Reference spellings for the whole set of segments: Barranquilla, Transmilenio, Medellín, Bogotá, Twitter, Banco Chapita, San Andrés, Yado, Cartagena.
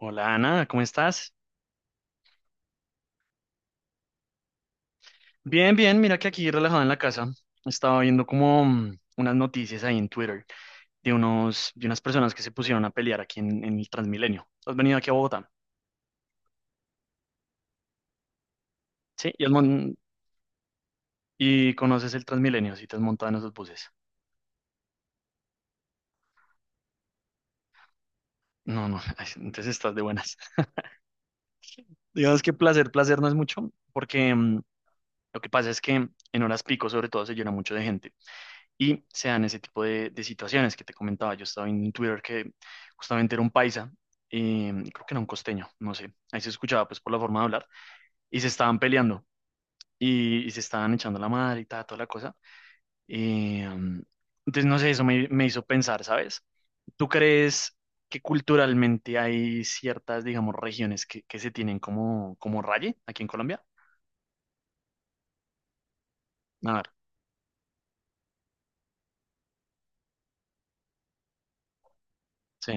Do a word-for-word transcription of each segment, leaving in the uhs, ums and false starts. Hola Ana, ¿cómo estás? Bien, bien, mira que aquí relajado en la casa. Estaba viendo como mm, unas noticias ahí en Twitter de unos, de unas personas que se pusieron a pelear aquí en, en el Transmilenio. ¿Has venido aquí a Bogotá? Sí, y, has mon- y conoces el Transmilenio, si te has montado en esos buses. No, no, ay, entonces estás de buenas. Digamos que placer, placer no es mucho, porque mm, lo que pasa es que en horas pico sobre todo se llena mucho de gente. Y se dan ese tipo de, de situaciones que te comentaba. Yo estaba en Twitter que justamente era un paisa, eh, creo que era un costeño, no sé, ahí se escuchaba pues por la forma de hablar, y se estaban peleando y, y se estaban echando la madre y tal, toda la cosa. Eh, entonces, no sé, eso me, me hizo pensar, ¿sabes? ¿Tú crees que culturalmente hay ciertas, digamos, regiones que, que se tienen como, como raye aquí en Colombia? A ver, sí.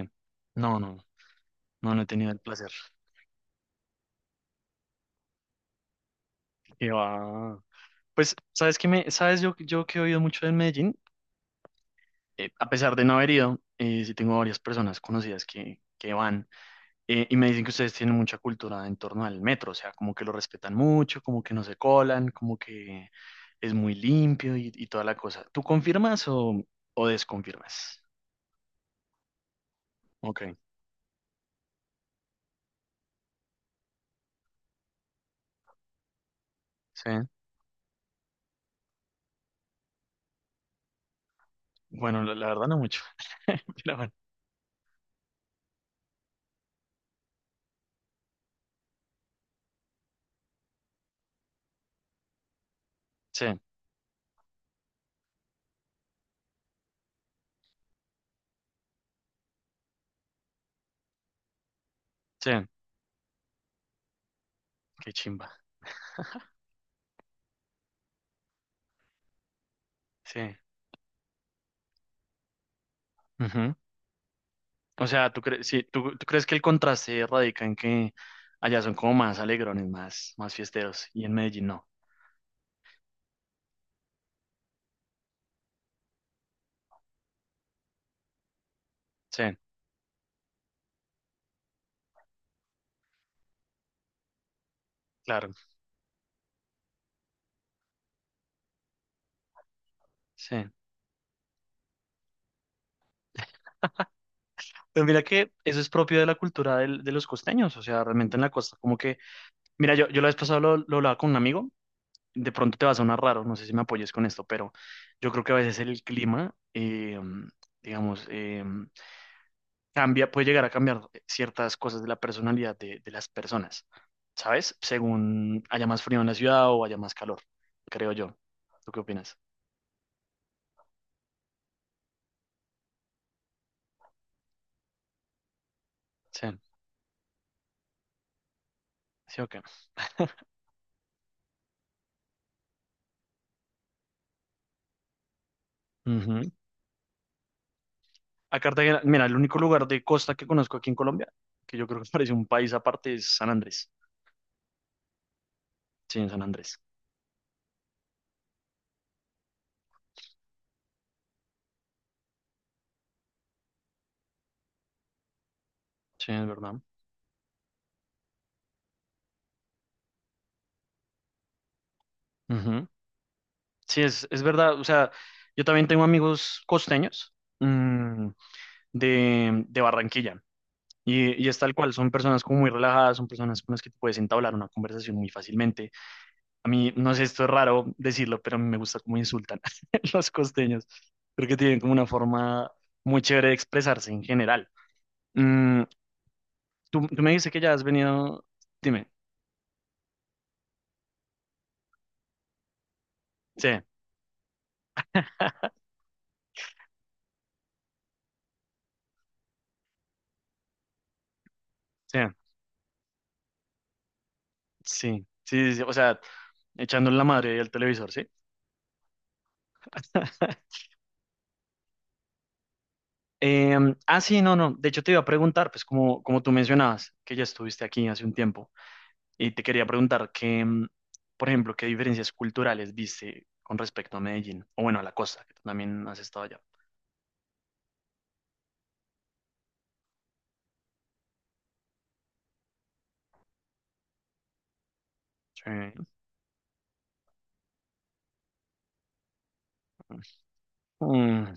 No, no, no, no he tenido el placer. Que va. Pues, ¿sabes que me, ¿sabes yo, yo que he oído mucho de Medellín? Eh, a pesar de no haber ido, eh, sí tengo varias personas conocidas que, que van eh, y me dicen que ustedes tienen mucha cultura en torno al metro, o sea, como que lo respetan mucho, como que no se colan, como que es muy limpio y, y toda la cosa. ¿Tú confirmas o, o desconfirmas? Ok, sí. Bueno, la, la verdad no mucho, pero bueno, sí, sí, qué chimba, sí. O sea, ¿tú crees, sí, tú, ¿tú crees que el contraste radica en que allá son como más alegrones, más, más fiesteros, y en Medellín no? Sí, claro, sí. Pero mira que eso es propio de la cultura del- de los costeños, o sea, realmente en la costa, como que, mira, yo, yo la vez pasada lo, lo hablaba con un amigo, de pronto te va a sonar raro, no sé si me apoyes con esto, pero yo creo que a veces el clima, eh, digamos, em, cambia, puede llegar a cambiar ciertas cosas de la personalidad de, de las personas, ¿sabes? Según haya más frío en la ciudad o haya más calor, creo yo. ¿Tú qué opinas? Sí, sí, ok. Ujú. A Cartagena, mira, el único lugar de costa que conozco aquí en Colombia, que yo creo que parece un país aparte, es San Andrés. Sí, en San Andrés. Sí, es verdad. Ujú. Sí, es, es verdad. O sea, yo también tengo amigos costeños mm, de, de Barranquilla. Y, y es tal cual, son personas como muy relajadas, son personas con las que tú puedes entablar una conversación muy fácilmente. A mí, no sé, esto es raro decirlo, pero a mí me gusta cómo insultan los costeños. Creo que tienen como una forma muy chévere de expresarse en general. Mm, tú, tú me dices que ya has venido, dime, sí, sí, sí, sí, sí, sí, o sea, echándole la madre al televisor, ¿sí? Em, ah, sí, no, no, de hecho te iba a preguntar, pues como, como tú mencionabas, que ya estuviste aquí hace un tiempo. Y te quería preguntar que, mm, por ejemplo, qué diferencias culturales viste con respecto a Medellín, o bueno, a la costa, que tú también has estado allá. Sí. Mm,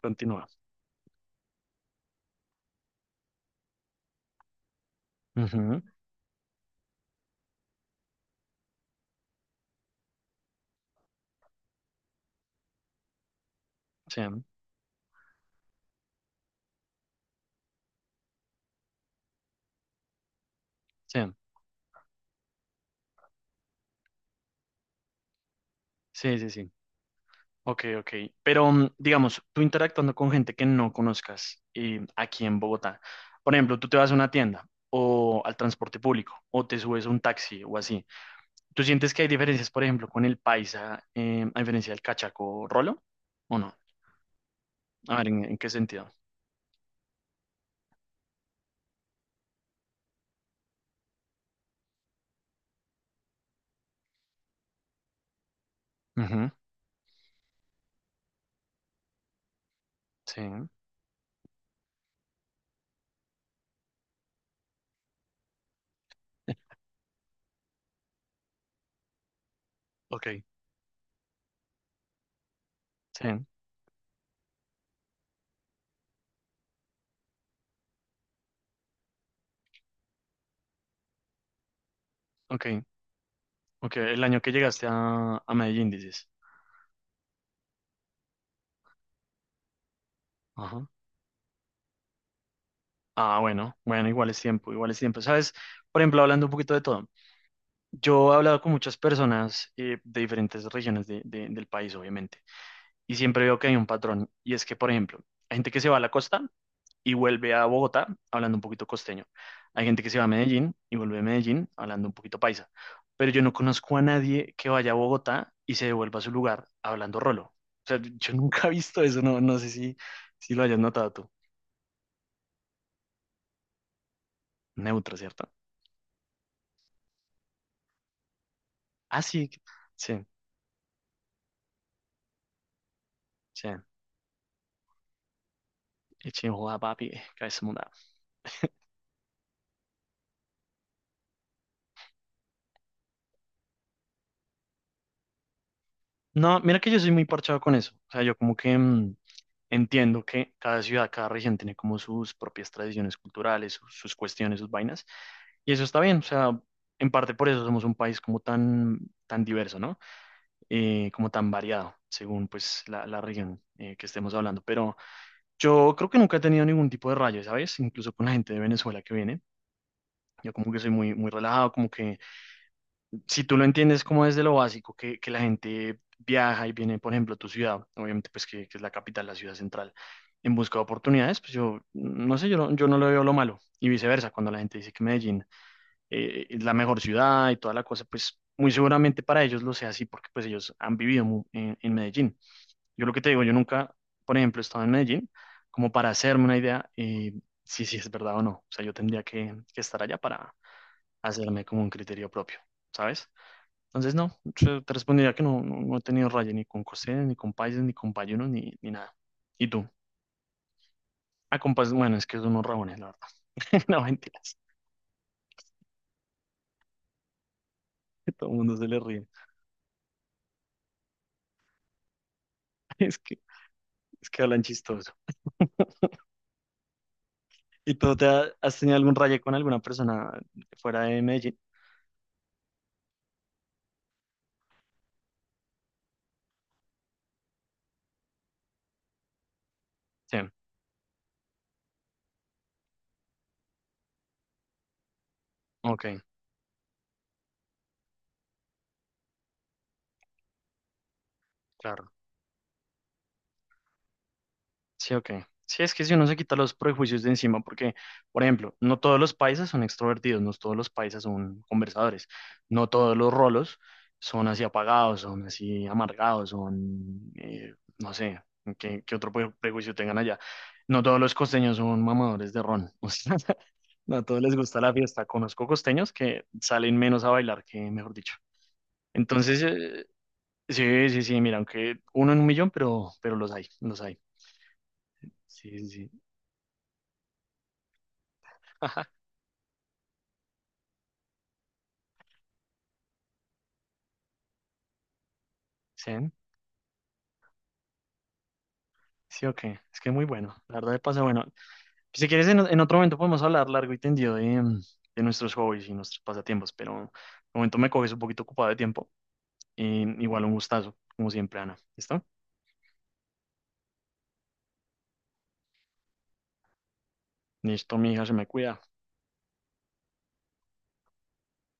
continúa. Ujú. Sí, sí, sí, sí, sí. Ok, ok. Pero mm, digamos, tú interactuando con gente que no conozcas eh, aquí en Bogotá, por ejemplo, tú te vas a una tienda o al transporte público o te subes a un taxi o así. ¿Tú sientes que hay diferencias, por ejemplo, con el paisa eh, a diferencia del cachaco rolo o no? A ver, ¿en, ¿en qué sentido? Ujú. Sí, ok, sí, ok, ok. El año que llegaste a, a Medellín, dices. Ajá. Ah, bueno, bueno, igual es tiempo, igual es tiempo. ¿Sabes? Por ejemplo, hablando un poquito de todo, yo he hablado con muchas personas eh, de diferentes regiones de- de- del país, obviamente, y siempre veo que hay un patrón, y es que, por ejemplo, hay gente que se va a la costa y vuelve a Bogotá hablando un poquito costeño. Hay gente que se va a Medellín y vuelve a Medellín hablando un poquito paisa. Pero yo no conozco a nadie que vaya a Bogotá y se devuelva a su lugar hablando rolo. O sea, yo nunca he visto eso, no, no sé si, si lo hayas notado tú. Neutro, ¿cierto? Ah, sí, sí, sí. Eche joda, papi, eh, cabeza mudada. No, mira que yo soy muy parchado con eso. O sea, yo como que mm, entiendo que cada ciudad, cada región tiene como sus propias tradiciones culturales, sus, sus cuestiones, sus vainas, y eso está bien, o sea, en parte por eso somos un país como tan, tan diverso, ¿no? Eh, como tan variado, según pues la, la región eh, que estemos hablando, pero yo creo que nunca he tenido ningún tipo de rayo, ¿sabes? Incluso con la gente de Venezuela que viene, yo como que soy muy, muy relajado, como que si tú lo entiendes como desde lo básico, que, que la gente viaja y viene, por ejemplo, a tu ciudad, obviamente, pues que, que es la capital, la ciudad central, en busca de oportunidades, pues yo, no sé, yo no, yo no le veo lo malo. Y viceversa, cuando la gente dice que Medellín eh, es la mejor ciudad y toda la cosa, pues muy seguramente para ellos lo sea así, porque pues ellos han vivido mu- en, en Medellín. Yo lo que te digo, yo nunca, por ejemplo, he estado en Medellín, como para hacerme una idea, eh, si, si es verdad o no. O sea, yo tendría que, que estar allá para hacerme como un criterio propio, ¿sabes? Entonces, no, yo te respondería que no, no, no he tenido raya ni con costeños, ni con paisas, ni con payunos, ni, ni nada. ¿Y tú? Ah, con pais- bueno, es que son unos rabones, la verdad. No, mentiras. Que todo el mundo se le ríe. Es que, es que hablan chistoso. ¿Y tú te ha- has tenido algún raye con alguna persona fuera de Medellín? Sí, ok, claro. Sí, ok. Sí, es que si uno se quita los prejuicios de encima, porque, por ejemplo, no todos los paisas son extrovertidos, no todos los paisas son conversadores, no todos los rolos son así apagados, son así amargados, son, eh, no sé, qué, qué otro pre- prejuicio tengan allá. No todos los costeños son mamadores de ron, o sea, no a todos les gusta la fiesta. Conozco costeños que salen menos a bailar que, mejor dicho. Entonces, eh, sí, sí, sí, mira, aunque uno en un millón, pero, pero los hay, los hay. Sí, sí, sí. Sí, sí, ok. Es que muy bueno. La verdad, de paso, bueno. Si quieres, en, en otro momento podemos hablar largo y tendido de, mm, de nuestros hobbies y nuestros pasatiempos, pero de momento me coges un poquito ocupado de tiempo. Y igual un gustazo, como siempre, Ana. ¿Listo? Listo, mi hija, se me cuida.